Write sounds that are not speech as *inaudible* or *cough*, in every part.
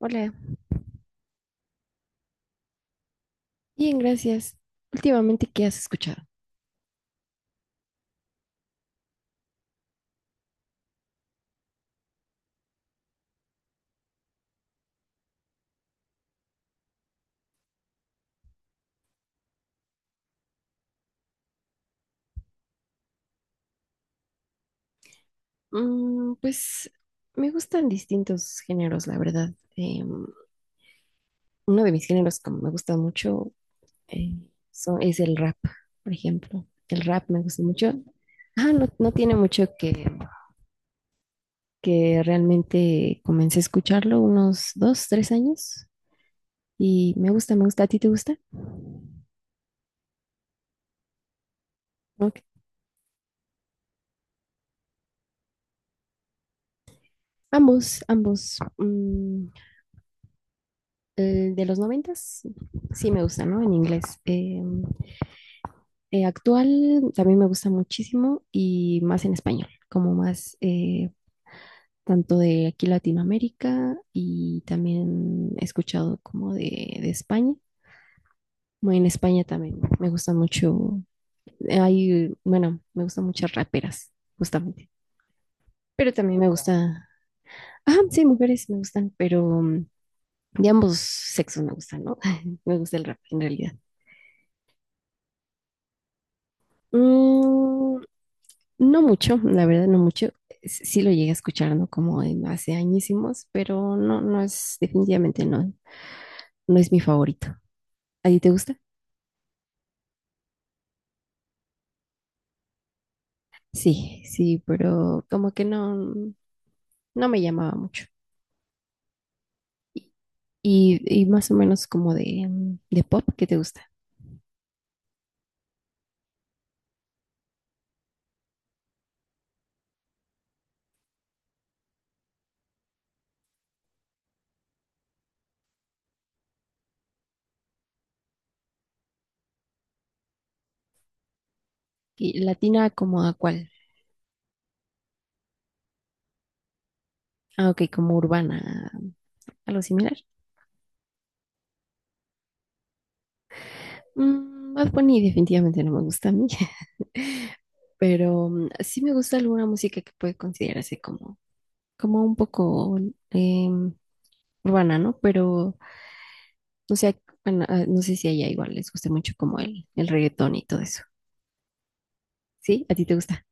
Hola, bien, gracias. Últimamente, ¿qué has escuchado? Pues me gustan distintos géneros, la verdad. Em, Uno de mis géneros que me gusta mucho eh, es el rap, por ejemplo. El rap me gusta mucho. Ah, no, no tiene mucho que realmente comencé a escucharlo, unos 2, 3 años. Y me gusta, me gusta. ¿A ti te gusta? Ok. Ambos, ambos. El de los noventas, sí me gusta, ¿no? En inglés. Actual también me gusta muchísimo y más en español, como más tanto de aquí Latinoamérica, y también he escuchado como de España. Bueno, en España también me gusta mucho. Hay, bueno, me gustan muchas raperas, justamente, pero también me gusta, ah, sí, mujeres me gustan, pero de ambos sexos me gustan, ¿no? *laughs* Me gusta el rap en realidad. Mm, No mucho, la verdad no mucho. Sí lo llegué a escuchar, ¿no? Como en hace añísimos, pero no, no es, definitivamente no, no es mi favorito. ¿A ti te gusta? Sí, sí, pero como que no, no me llamaba mucho. Y, y más o menos como de pop, ¿qué te gusta? ¿Y latina como a cuál? Ah, ok, como urbana, algo similar. Bad Bunny definitivamente no me gusta a mí, *laughs* pero sí me gusta alguna música que puede considerarse como un poco em, urbana, ¿no? Pero no sé, bueno, ah, no sé si a ella igual les guste mucho como el reggaetón y todo eso. ¿Sí? ¿A ti te gusta?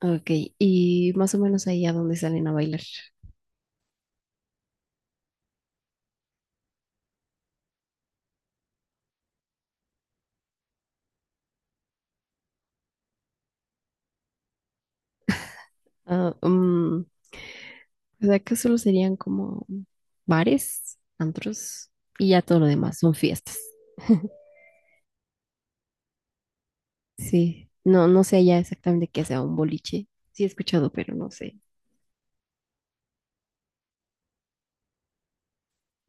Ok, y más o menos ahí a dónde salen a bailar. Ah, o sea, que solo serían como bares, antros, y ya todo lo demás, son fiestas. Sí, no, no sé ya exactamente qué sea un boliche. Sí he escuchado, pero no sé.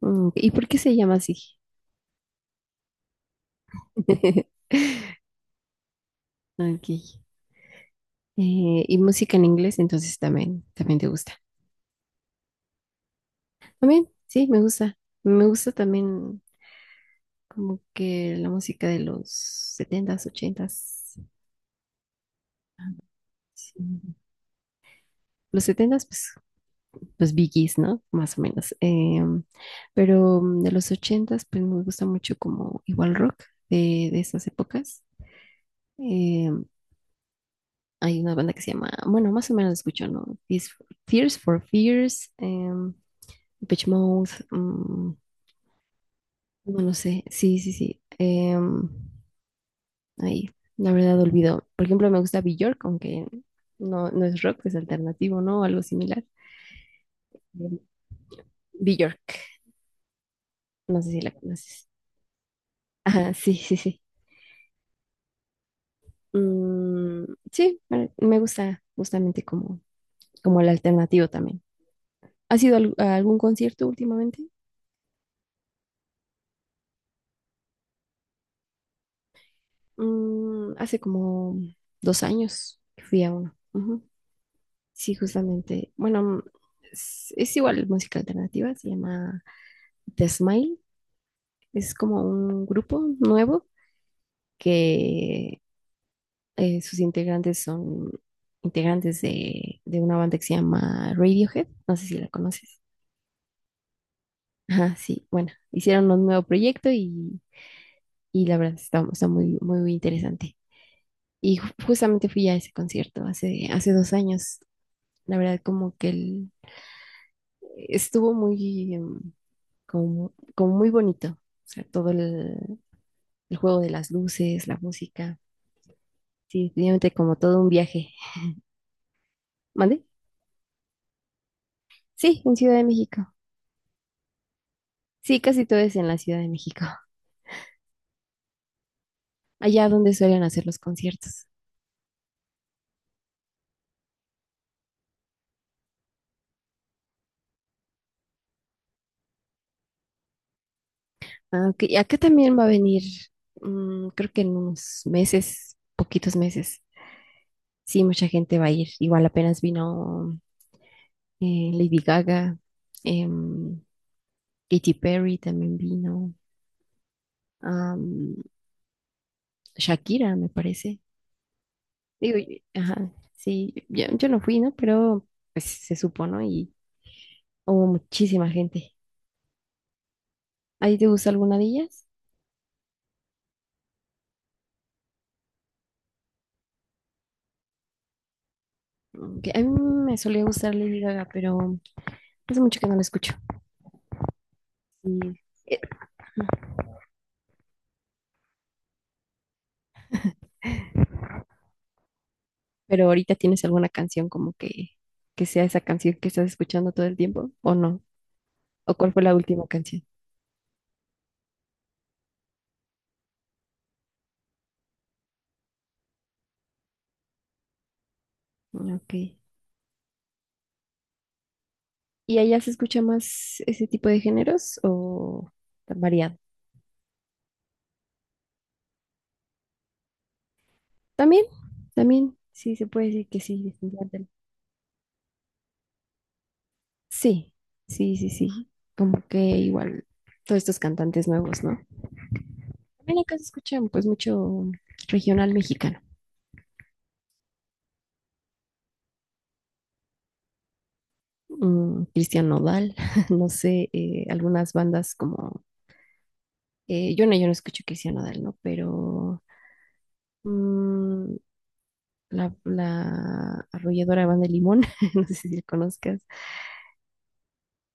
¿Y por qué se llama así? *laughs* Ok. Y música en inglés, entonces también, también te gusta. También, sí, me gusta. Me gusta también como que la música de los setentas, ochentas. Sí. Los setentas, pues los Biggies, ¿no? Más o menos. Pero de los ochentas, pues me gusta mucho como igual rock de esas épocas. Em, Hay una banda que se llama, bueno, más o menos la escucho, ¿no? Tears for Fears, Depeche Mode. No lo sé. Sí, sí, sí. Ahí, la verdad olvido. Por ejemplo, me gusta Bjork, aunque no, no es rock, es alternativo, ¿no? O algo similar. Em, Bjork, no sé si la conoces. Ajá, sí, sí, sí. Mm, sí, me gusta justamente como el alternativo también. ¿Has ido a algún concierto últimamente? Hace como 2 años que fui a uno. Ujú. Sí, justamente. Bueno, es igual música alternativa, se llama The Smile, es como un grupo nuevo que, sus integrantes son integrantes de una banda que se llama Radiohead. No sé si la conoces. Ajá, sí, bueno, hicieron un nuevo proyecto, y la verdad está muy, muy interesante. Y justamente fui a ese concierto hace 2 años. La verdad, como que estuvo muy, como muy bonito. O sea, todo el juego de las luces, la música. Sí, definitivamente como todo un viaje. ¿Mande? Sí, en Ciudad de México. Sí, casi todo es en la Ciudad de México, *laughs* allá donde suelen hacer los conciertos. Ah, ok, y acá también va a venir, creo que en unos meses, poquitos meses. Sí, mucha gente va a ir. Igual apenas vino, Lady Gaga, em, Katy Perry también vino, am, Shakira, me parece. Digo, ajá, sí, yo no fui, ¿no? Pero pues se supo, ¿no? Y hubo muchísima gente. ¿Ahí te gusta alguna de ellas? A mí me solía gustar Lady Gaga, pero hace mucho que no la escucho. Y, eh, pero ahorita tienes alguna canción como que sea esa canción que estás escuchando todo el tiempo, ¿o no? ¿O cuál fue la última canción? Mm. Ok. ¿Y allá se escucha más ese tipo de géneros o tan variado? También, también, sí, se puede decir que sí, definitivamente. Sí, sí, sí, sí. Como que igual todos estos cantantes nuevos, ¿no? En la casa escuchan pues mucho regional mexicano. Cristian Nodal, *laughs* no sé, algunas bandas como, yo no escucho Cristian Nodal, ¿no? Pero mm, la arrolladora banda de Limón, *laughs* no sé si la conozcas.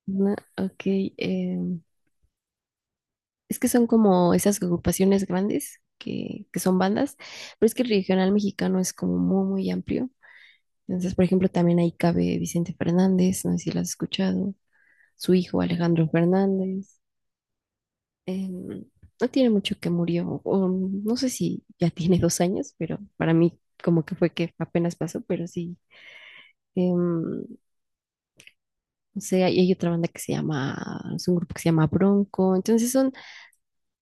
No, ok, eh, es que son como esas agrupaciones grandes que son bandas, pero es que el regional mexicano es como muy, muy amplio. Entonces, por ejemplo, también ahí cabe Vicente Fernández, no sé si lo has escuchado. Su hijo Alejandro Fernández. Eh, no tiene mucho que murió, o no sé si ya tiene 2 años, pero para mí como que fue que apenas pasó, pero sí. em, no sé, hay otra banda que se llama, es un grupo que se llama Bronco. Entonces son,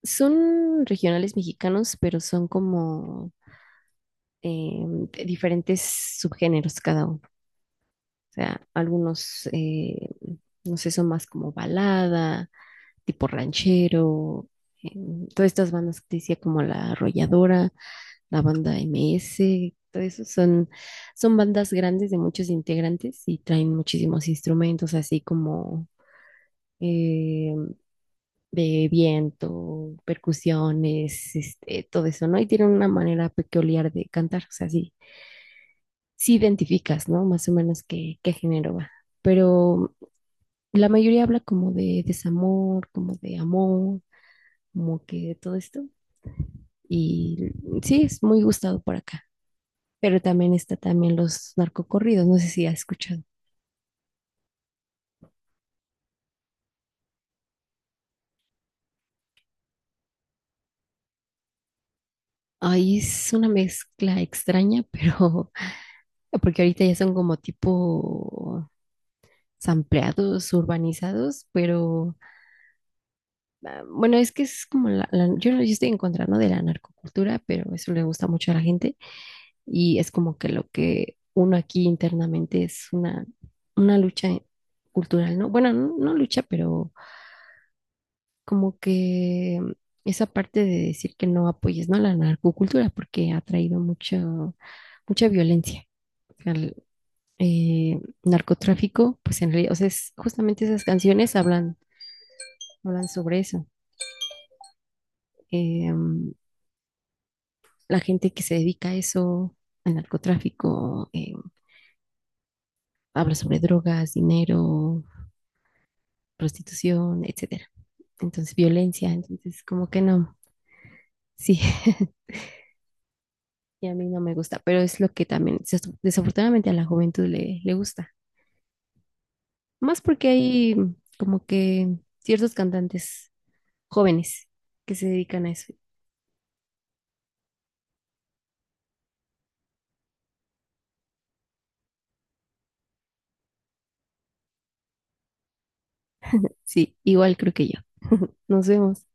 regionales mexicanos, pero son como de diferentes subgéneros cada uno. O sea, algunos, no sé, son más como balada, tipo ranchero. Todas estas bandas que te decía como La Arrolladora, la banda MS, todo eso son, bandas grandes de muchos integrantes, y traen muchísimos instrumentos así como eh, de viento, percusiones, este, todo eso, ¿no? Y tienen una manera peculiar de cantar, o sea, sí, sí identificas, ¿no? Más o menos qué género va. Pero la mayoría habla como de desamor, como de amor, como que todo esto. Y sí, es muy gustado por acá. Pero también está también los narcocorridos, no sé si has escuchado. Ahí es una mezcla extraña, pero *laughs* porque ahorita ya son como tipo sampleados, urbanizados, pero ah, bueno, es que es como yo estoy en contra, ¿no? De la narcocultura, pero eso le gusta mucho a la gente, y es como que lo que uno aquí internamente es una lucha cultural, ¿no? Bueno, no, no lucha, pero como que esa parte de decir que no apoyes, ¿no? La narcocultura, porque ha traído mucho, mucha violencia. O sea, el, narcotráfico, pues en realidad, o sea, justamente esas canciones hablan, sobre eso. Eh, mm, la gente que se dedica a eso, al narcotráfico, habla sobre drogas, dinero, prostitución, etcétera. Entonces, violencia, entonces, como que no. Sí. *laughs* Y a mí no me gusta, pero es lo que también desafortunadamente a la juventud le gusta. Más porque hay como que ciertos cantantes jóvenes que se dedican a eso. Sí, igual creo que yo. Nos vemos.